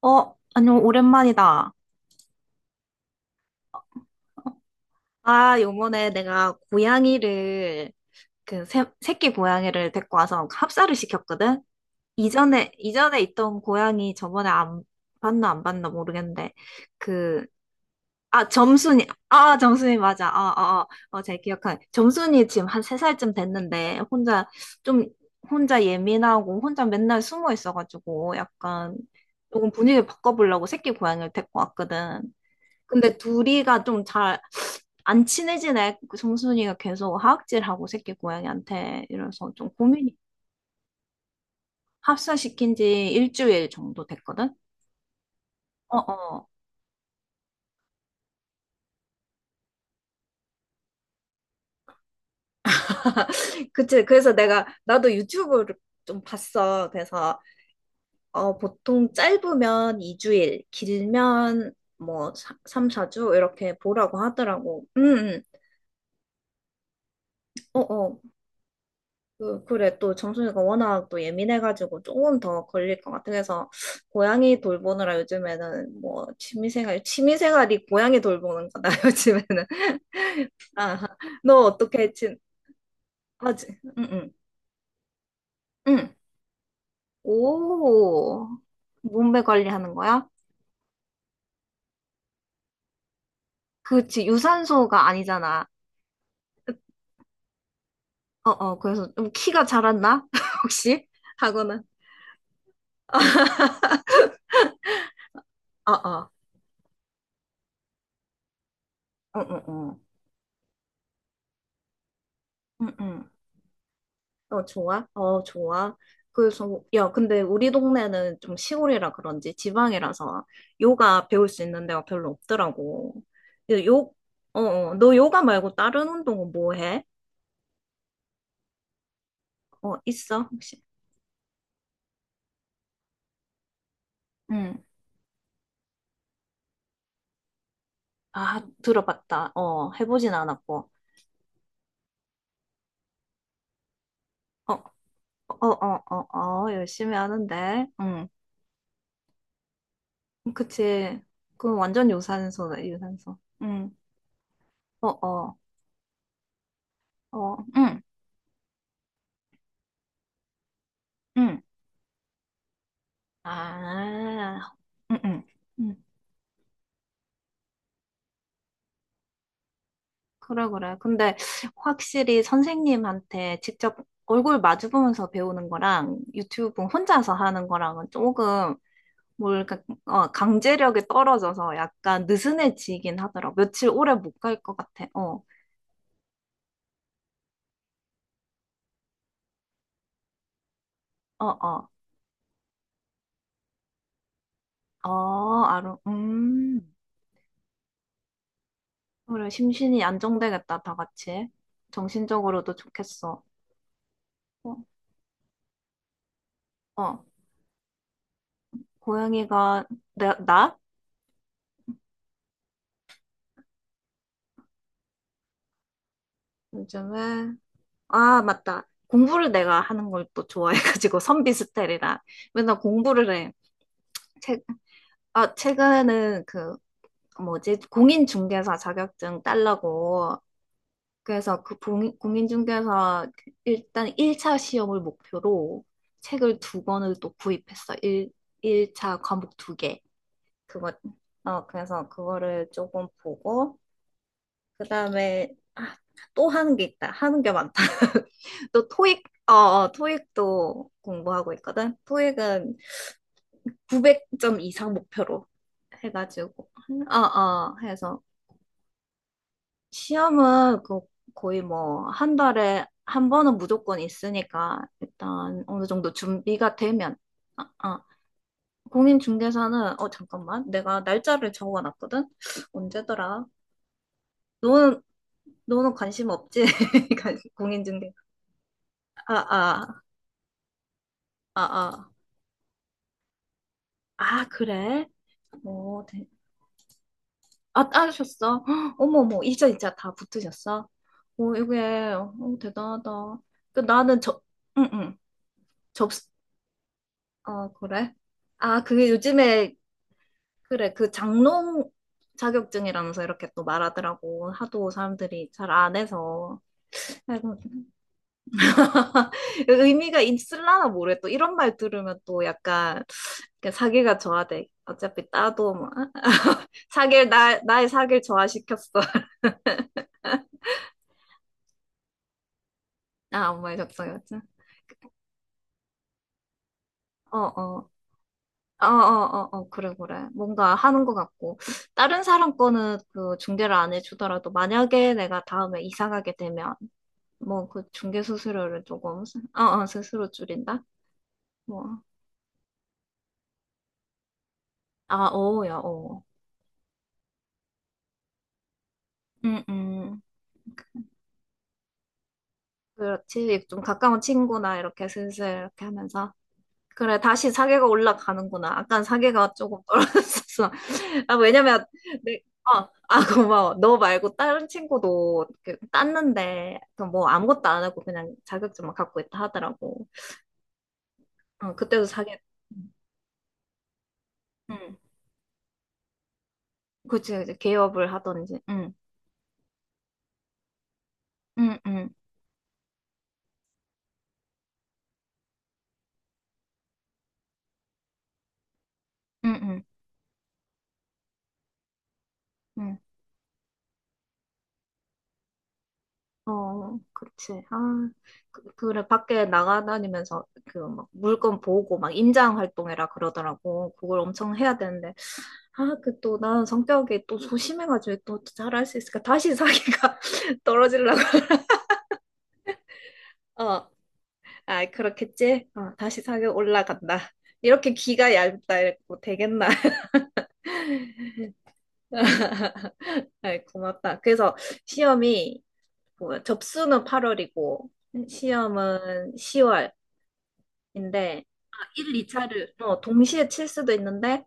안녕, 오랜만이다. 아, 요번에 내가 고양이를, 새끼 고양이를 데리고 와서 합사를 시켰거든? 이전에 있던 고양이 저번에 안 봤나 안 봤나 모르겠는데, 그, 아, 점순이 맞아. 어, 어, 어, 어, 잘 기억하네. 점순이 지금 한 세살쯤 됐는데, 혼자, 좀, 혼자 예민하고, 혼자 맨날 숨어 있어가지고, 약간, 조금 분위기 바꿔보려고 새끼 고양이를 데리고 왔거든. 근데 둘이가 좀 잘 안 친해지네. 그 정순이가 계속 하악질하고 새끼 고양이한테 이래서 좀 고민이 합사시킨 지 일주일 정도 됐거든? 어어. 그치. 그래서 내가 나도 유튜브를 좀 봤어. 그래서 보통 짧으면 2주일, 길면 뭐 3, 4주 이렇게 보라고 하더라고. 응, 응. 어어. 그래, 또 정순이가 워낙 또 예민해가지고 조금 더 걸릴 것 같아. 그래서 고양이 돌보느라 요즘에는 뭐 취미생활, 취미생활이 고양이 돌보는 거다, 요즘에는. 아, 너 어떻게 하지? 응, 응, 응. 오, 몸매 관리하는 거야? 그치, 유산소가 아니잖아. 그래서 좀 키가 자랐나? 혹시? 하고는, 어, 어, 어 어 어 응, 응. 어, 좋아? 어, 좋아. 그래서, 야, 근데 우리 동네는 좀 시골이라 그런지 지방이라서 요가 배울 수 있는 데가 별로 없더라고. 요, 요- 어, 어, 너 요가 말고 다른 운동은 뭐 해? 어, 있어, 혹시? 응. 아, 들어봤다. 해보진 않았고. 어, 어, 어, 어, 어, 열심히 하는데. 응. 그치. 그건 완전 유산소다, 유산소. 응. 어, 어, 어, 응, 응. 아, 응, 응. 그래, 그래. 근데 확실히 선생님한테 직접 얼굴 마주 보면서 배우는 거랑 유튜브 혼자서 하는 거랑은 조금 뭘까, 강제력이 떨어져서 약간 느슨해지긴 하더라. 고 며칠 오래 못 갈 것 같아. 어, 어, 어, 어, 알아. 음. 그래, 심신이 안정되겠다, 다 같이. 정신적으로도 좋겠어. 어, 어. 고양이가, 나? 요즘에 아, 맞다. 공부를 내가 하는 걸 또 좋아해가지고 선비 스타일이라 맨날 공부를 해. 최, 최근에는 그 뭐지? 공인중개사 자격증 딸라고 그래서 그 공인중개사 일단 1차 시험을 목표로 책을 두 권을 또 구입했어. 1, 1차 과목 두 개. 그거 그래서 그거를 조금 보고 그다음에 아, 또 하는 게 있다. 하는 게 많다. 또 토익도 공부하고 있거든. 토익은 900점 이상 목표로 해가지고 해서 시험은 그 거의 뭐 한 달에 한 번은 무조건 있으니까 일단 어느 정도 준비가 되면 아, 아. 공인중개사는 잠깐만 내가 날짜를 적어놨거든. 언제더라? 너는 너는 관심 없지? 공인중개사 아, 아, 아, 아. 아, 그래? 오, 대... 아, 따셨어? 헉, 어머머, 이자 다 붙으셨어? 오, 이게, 오, 대단하다. 그, 나는 저, 응, 응, 접, 어, 그래? 아, 그게 요즘에, 그래, 그 장롱 자격증이라면서 이렇게 또 말하더라고. 하도 사람들이 잘 안 해서. 아이고. 의미가 있을라나 모르겠 또 이런 말 들으면 또 약간 그 사기가 좋아돼. 어차피 따도 뭐 사기를 나 나의 사기를 좋아시켰어. 아 엄마의 적성이었죠. 어어 어어어 어 어, 어, 어, 어. 그래 그래 뭔가 하는 것 같고 다른 사람 거는 그 중개를 안 해주더라도 만약에 내가 다음에 이사 가게 되면 뭐 그 중개 수수료를 조금 어어 스스로 줄인다. 뭐아어야어 음음 그렇지 좀 가까운 친구나 이렇게 슬슬 이렇게 하면서. 그래, 다시 사계가 올라가는구나. 아깐 사계가 조금 떨어졌었어. 아, 왜냐면, 아, 고마워. 너 말고 다른 친구도 이렇게 땄는데, 그뭐 아무것도 안 하고 그냥 자격증만 갖고 있다 하더라고. 어, 그때도 사계, 응, 응. 그치, 이제 개업을 하던지, 응, 응, 응, 응, 응, 응. 어, 그치. 아, 그래, 밖에 나가다니면서 그 막 물건 보고 막 임장 활동해라 그러더라고. 그걸 엄청 해야 되는데. 아, 그 또 나는 성격이 또 조심해가지고 또 잘할 수 있을까? 다시 사기가 떨어지려고. 어, 아, 그렇겠지? 다시 사기 올라간다. 이렇게 귀가 얇다 이고 되겠나? 아이, 고맙다. 그래서 시험이 뭐 접수는 8월이고 시험은 10월인데 1, 2차를 동시에 칠 수도 있는데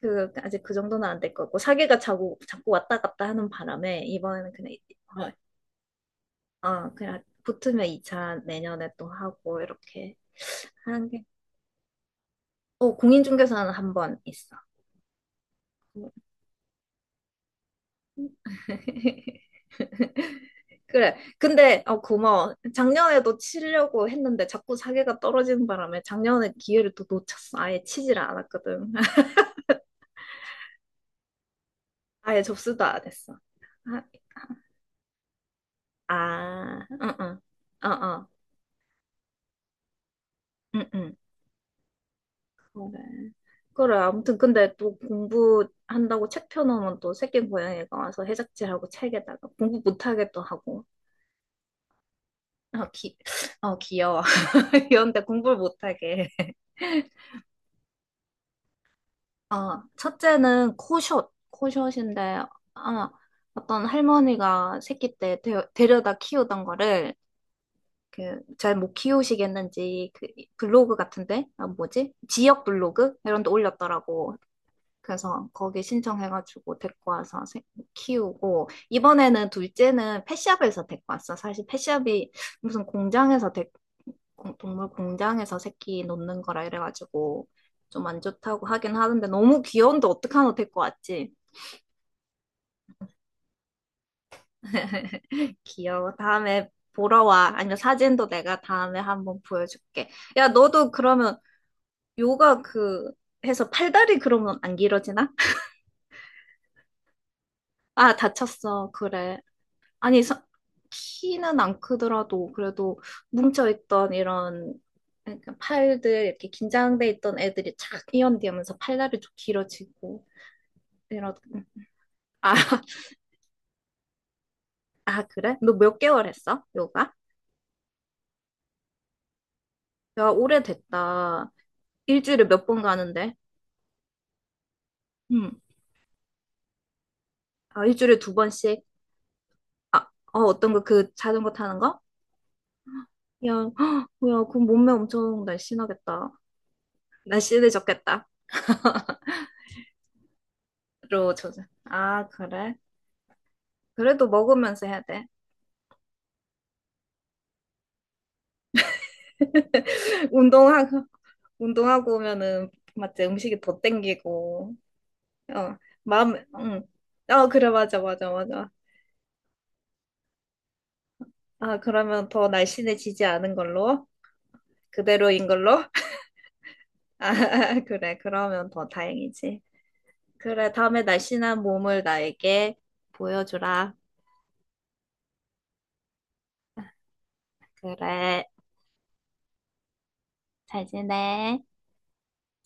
그 아직 그 정도는 안 될 거고 사기가 자꾸 자꾸 왔다 갔다 하는 바람에 이번에는 그냥 붙으면 2차 내년에 또 하고 이렇게 하는 게. 공인중개사는 한 번 있어. 그래. 근데 고마워. 작년에도 치려고 했는데 자꾸 사기가 떨어지는 바람에 작년에 기회를 또 놓쳤어. 아예 치질 않았거든. 아예 접수도 안 했어. 아, 아, 응, 응, 어, 어, 응, 응. 그래. 그래, 아무튼 근데 또 공부한다고 책 펴놓으면 또 새끼 고양이가 와서 해적질하고 책에다가 공부 못하게 또 하고. 아, 귀여워. 귀여운데 공부를 못하게. 아, 첫째는 코숏인데, 아, 어떤 할머니가 새끼 때 데려다 키우던 거를 잘못 키우시겠는지 그 블로그 같은데, 아, 뭐지? 지역 블로그? 이런 데 올렸더라고. 그래서 거기 신청해가지고 데리고 와서 키우고 이번에는 둘째는 펫샵에서 데리고 왔어. 사실 펫샵이 무슨 공장에서 동물 공장에서 새끼 놓는 거라 이래가지고 좀 안 좋다고 하긴 하는데 너무 귀여운데 어떡하노 데리고 왔지? 귀여워. 다음에 보러 와. 아니면 사진도 내가 다음에 한번 보여줄게. 야, 너도 그러면 요가 해서 팔다리 그러면 안 길어지나? 아, 다쳤어. 그래. 아니, 키는 안 크더라도 그래도 뭉쳐있던 이런 예, 그러니까 팔들 이렇게 긴장돼 있던 애들이 착 이완되면서 팔다리 좀 길어지고 이런 아, 아 그래? 너 몇 개월 했어? 요가? 야, 오래됐다. 일주일에 몇 번 가는데? 응. 아, 일주일에 두 번씩? 어떤 거, 그 자전거 타는 거? 야, 뭐야, 그 몸매 엄청 날씬하겠다. 날씬해졌겠다. 로 저자. 아, 그래? 그래도 먹으면서 해야 돼. 운동하고. 운동하고 오면은 맞지 음식이 더 땡기고 어 마음 응어 그래 맞아 맞아 맞아 아 그러면 더 날씬해지지 않은 걸로 그대로인 걸로 아 그래 그러면 더 다행이지 그래 다음에 날씬한 몸을 나에게 보여주라 그래 잘 지내